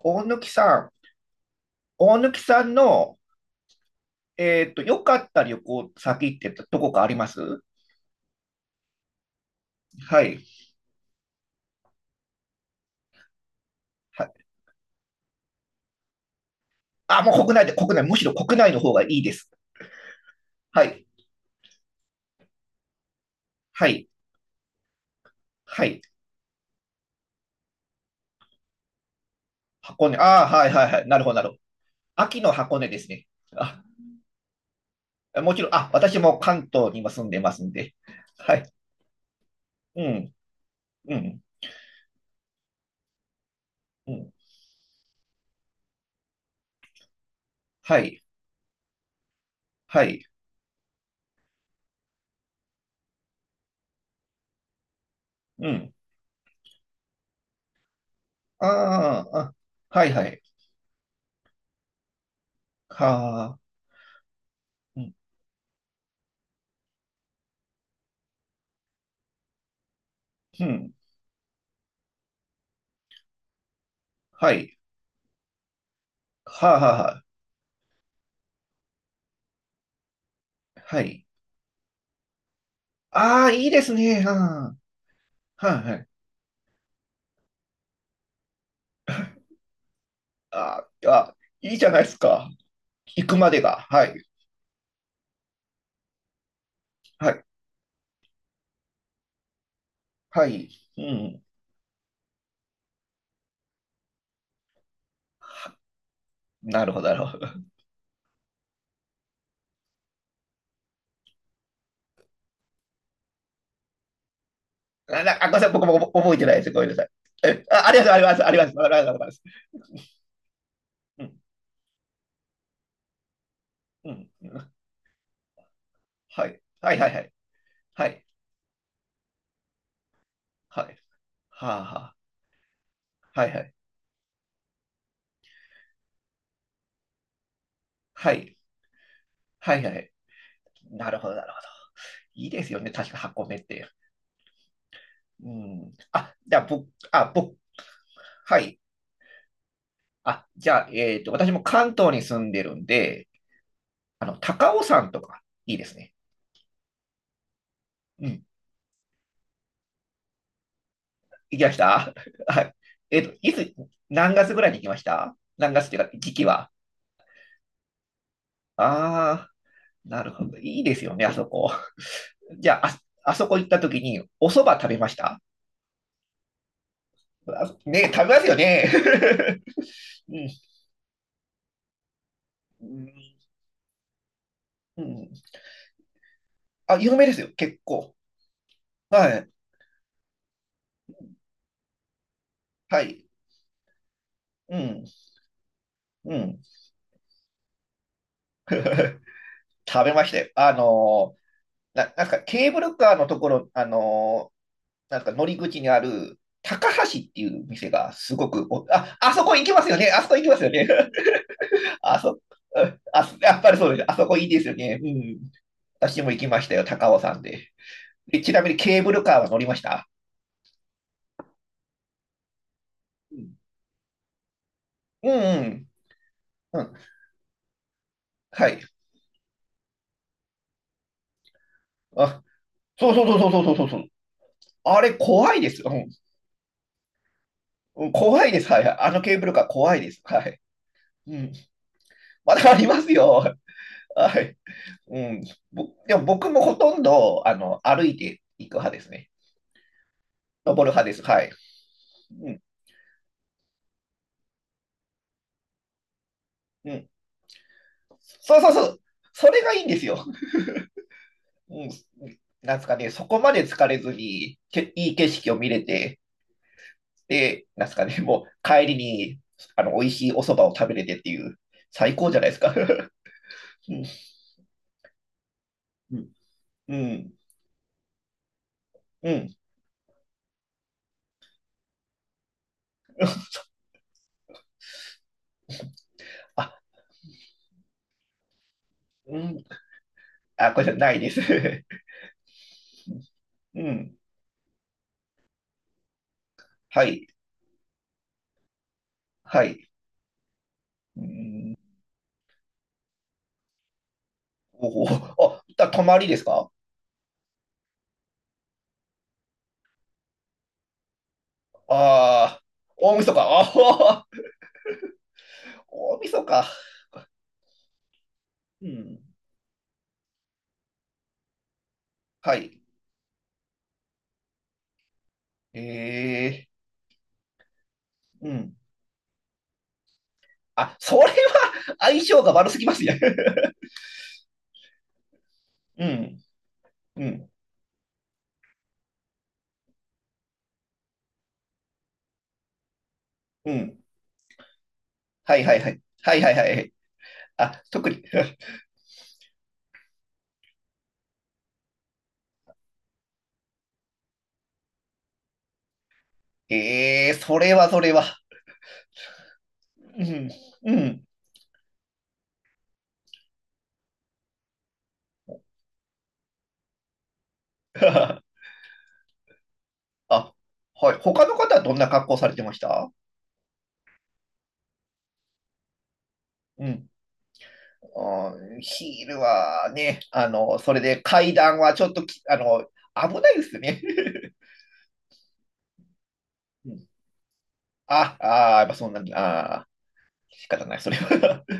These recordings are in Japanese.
大貫さん、大貫さんの、良かった旅行先ってどこかあります？はい。はい。あ、もう国内で、国内、むしろ国内の方がいいです。はい。はい。はい。箱根。ああ、はいはいはい。なるほど、なるほど。秋の箱根ですね。あ、もちろん、私も関東に今住んでますんで。はい。うん、うん、うん。はい、はい、うん。ああ、はいはい。はあ、うん、うん。はい。はあ、はあ、はい。ああ、いいですね。うんはいはい。あーあ、いいじゃないですか。行くまでが。はい。はい。はい。うん。なるほど、なるほど。ごめんなさい。僕も覚えてないです。ごめんなさい。え、あ、ありがとう、あります、ありがとうございます。ありがとうございます。うん。うん。うんはい。はい、はい、はい。はい。はい。はあ、はあ。はい、はい。はい。はい、はい。なるほど、なるほど。いいですよね。確か箱根って。うん。あ、じゃあ、僕。はい。あ、じゃあ、私も関東に住んでるんで、高尾山とか、いいですね。うん。行きました はい。えっと、いつ、何月ぐらいに行きました？何月っていうか、時期は。ああ、なるほど。いいですよね、あそこ。じゃあ、あそこ行った時に、お蕎麦食べました？あね、食べますよね。うん。うん。あ、有名ですよ、結構。はい。はい。うん。うん。食べましたよ。なんかケーブルカーのところ、なんか乗り口にある高橋っていう店がすごくお、あ、あそこ行きますよね。あそこ行きますよね。あそ、あそ、やっぱりそうです。あそこいいですよね。うん。私も行きましたよ、高尾山で。で、ちなみにケーブルカーは乗りました？うんうんうん。うん。はい。あ、そうそうそうそうそうそうそう。あれ、怖いです。うん。うん怖いです。はい。あのケーブルカー怖いです。はい。うん。まだありますよ。はい。うん、でも僕もほとんど歩いていく派ですね。登る派です。はい。うん、うん。そうそうそう。それがいいんですよ。うん。なんですかね、そこまで疲れずに、いい景色を見れて、で、なんですかね、もう帰りにあの美味しいお蕎麦を食べれてっていう、最高じゃないですか。うん、うん、うん。あ、うん、あ、これじゃないです。うん、はい、はい。うん、おお、泊まりですか？ああ、大晦日。ああ、大晦日。うん。はい。ええうん。あ、それは相性が悪すぎますね。うん。うん。うん。はいはいはい。はいはいはいはい。あ、特に。ええそれはそれは。うん。うん。あ、はい。他の方はどんな格好されてました？うん。あーヒールはね、それで階段はちょっとき、あの、危ないですね。あ、ああ、やっぱそんなああ、仕方ない、それは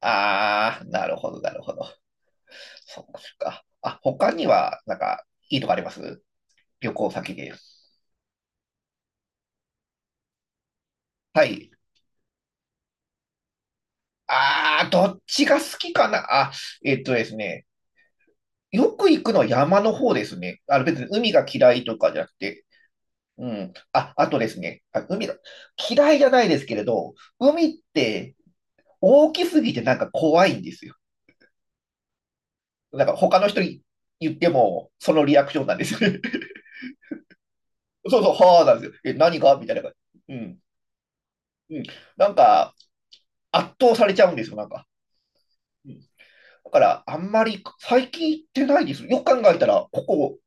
ああ、なるほど、なるほど。そっか、そっか。あ、他には、なんか、いいとこあります？旅行先で。はい。ああ、どっちが好きかな？あ、えっとですね。よく行くのは山の方ですね。別に海が嫌いとかじゃなくて。うん。あ、あとですね。海が嫌いじゃないですけれど、海って大きすぎてなんか怖いんですよ。なんか他の人に言っても、そのリアクションなんです。そうそう、はあなんですよ。え、何がみたいな感じ。うん。うん。なんか、圧倒されちゃうんですよ、なんか。うん。だから、あんまり最近行ってないです。よく考えたら、ここ、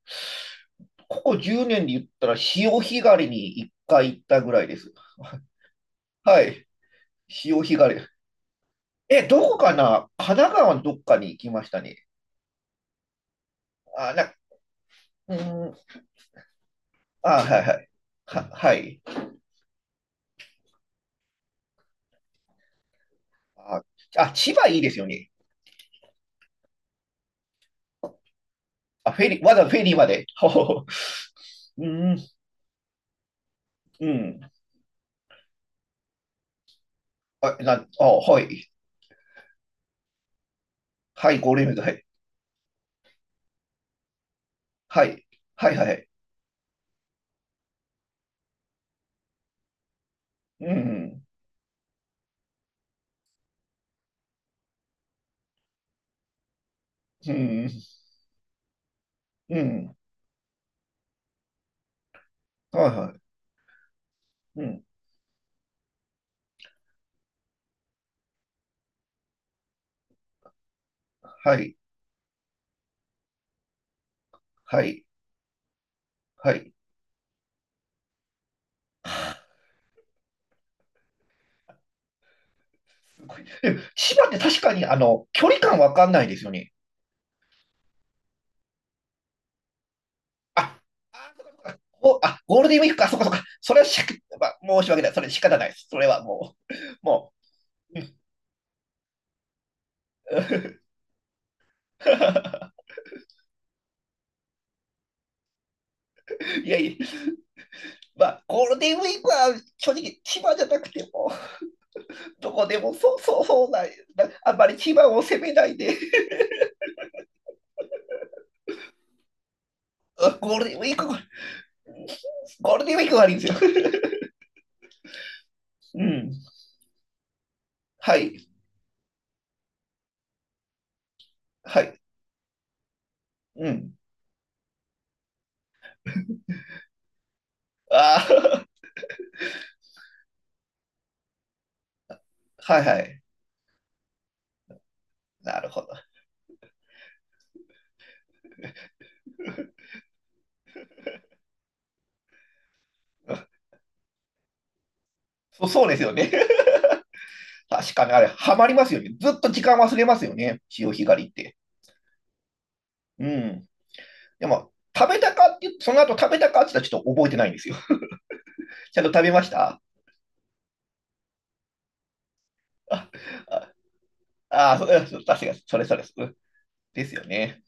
ここ10年で言ったら、潮干狩りに一回行ったぐらいです。はい。潮干狩り。え、どこかな？神奈川のどっかに行きましたね。あ、な、うーん。あ、はいはい。はい。あ、あ、千葉いいですよね。あ、フェリー、わざわざフェリーまで。ほほほ。うん、うん。あ、はい。はい、ゴールデンウィーク、はい。はい。はい、はい。うん。うん。うん。はい、はい。うん。はい。はい。はい。はあすごいでも千葉って確かに、距離感わかんないですよね。あ、あ、あ、ゴールデンウィークか、そっかそっか。それはし、まあ、申し訳ない。それ仕方ないです。それはもう、もう。うん いやいや、まあ、ゴールデンウィークは正直、千葉じゃなくても、どこでもそうそうそうない、なあんまり千葉を責めないで、ゴールデンウィーク、ゴールデンウィークがありんですよ。うん。はい。はい。うん。ああ、はいはい。なるほど。そうそうですよね。確かにあれ、ハマりますよね。ずっと時間忘れますよね。潮干狩りって。うん。でも、食べたかって言って、その後食べたかって言ったらちょっと覚えてないんですよ。ちゃんと食べました？あ、あ、ああ、そうそう確かに、それそれ。ですよね。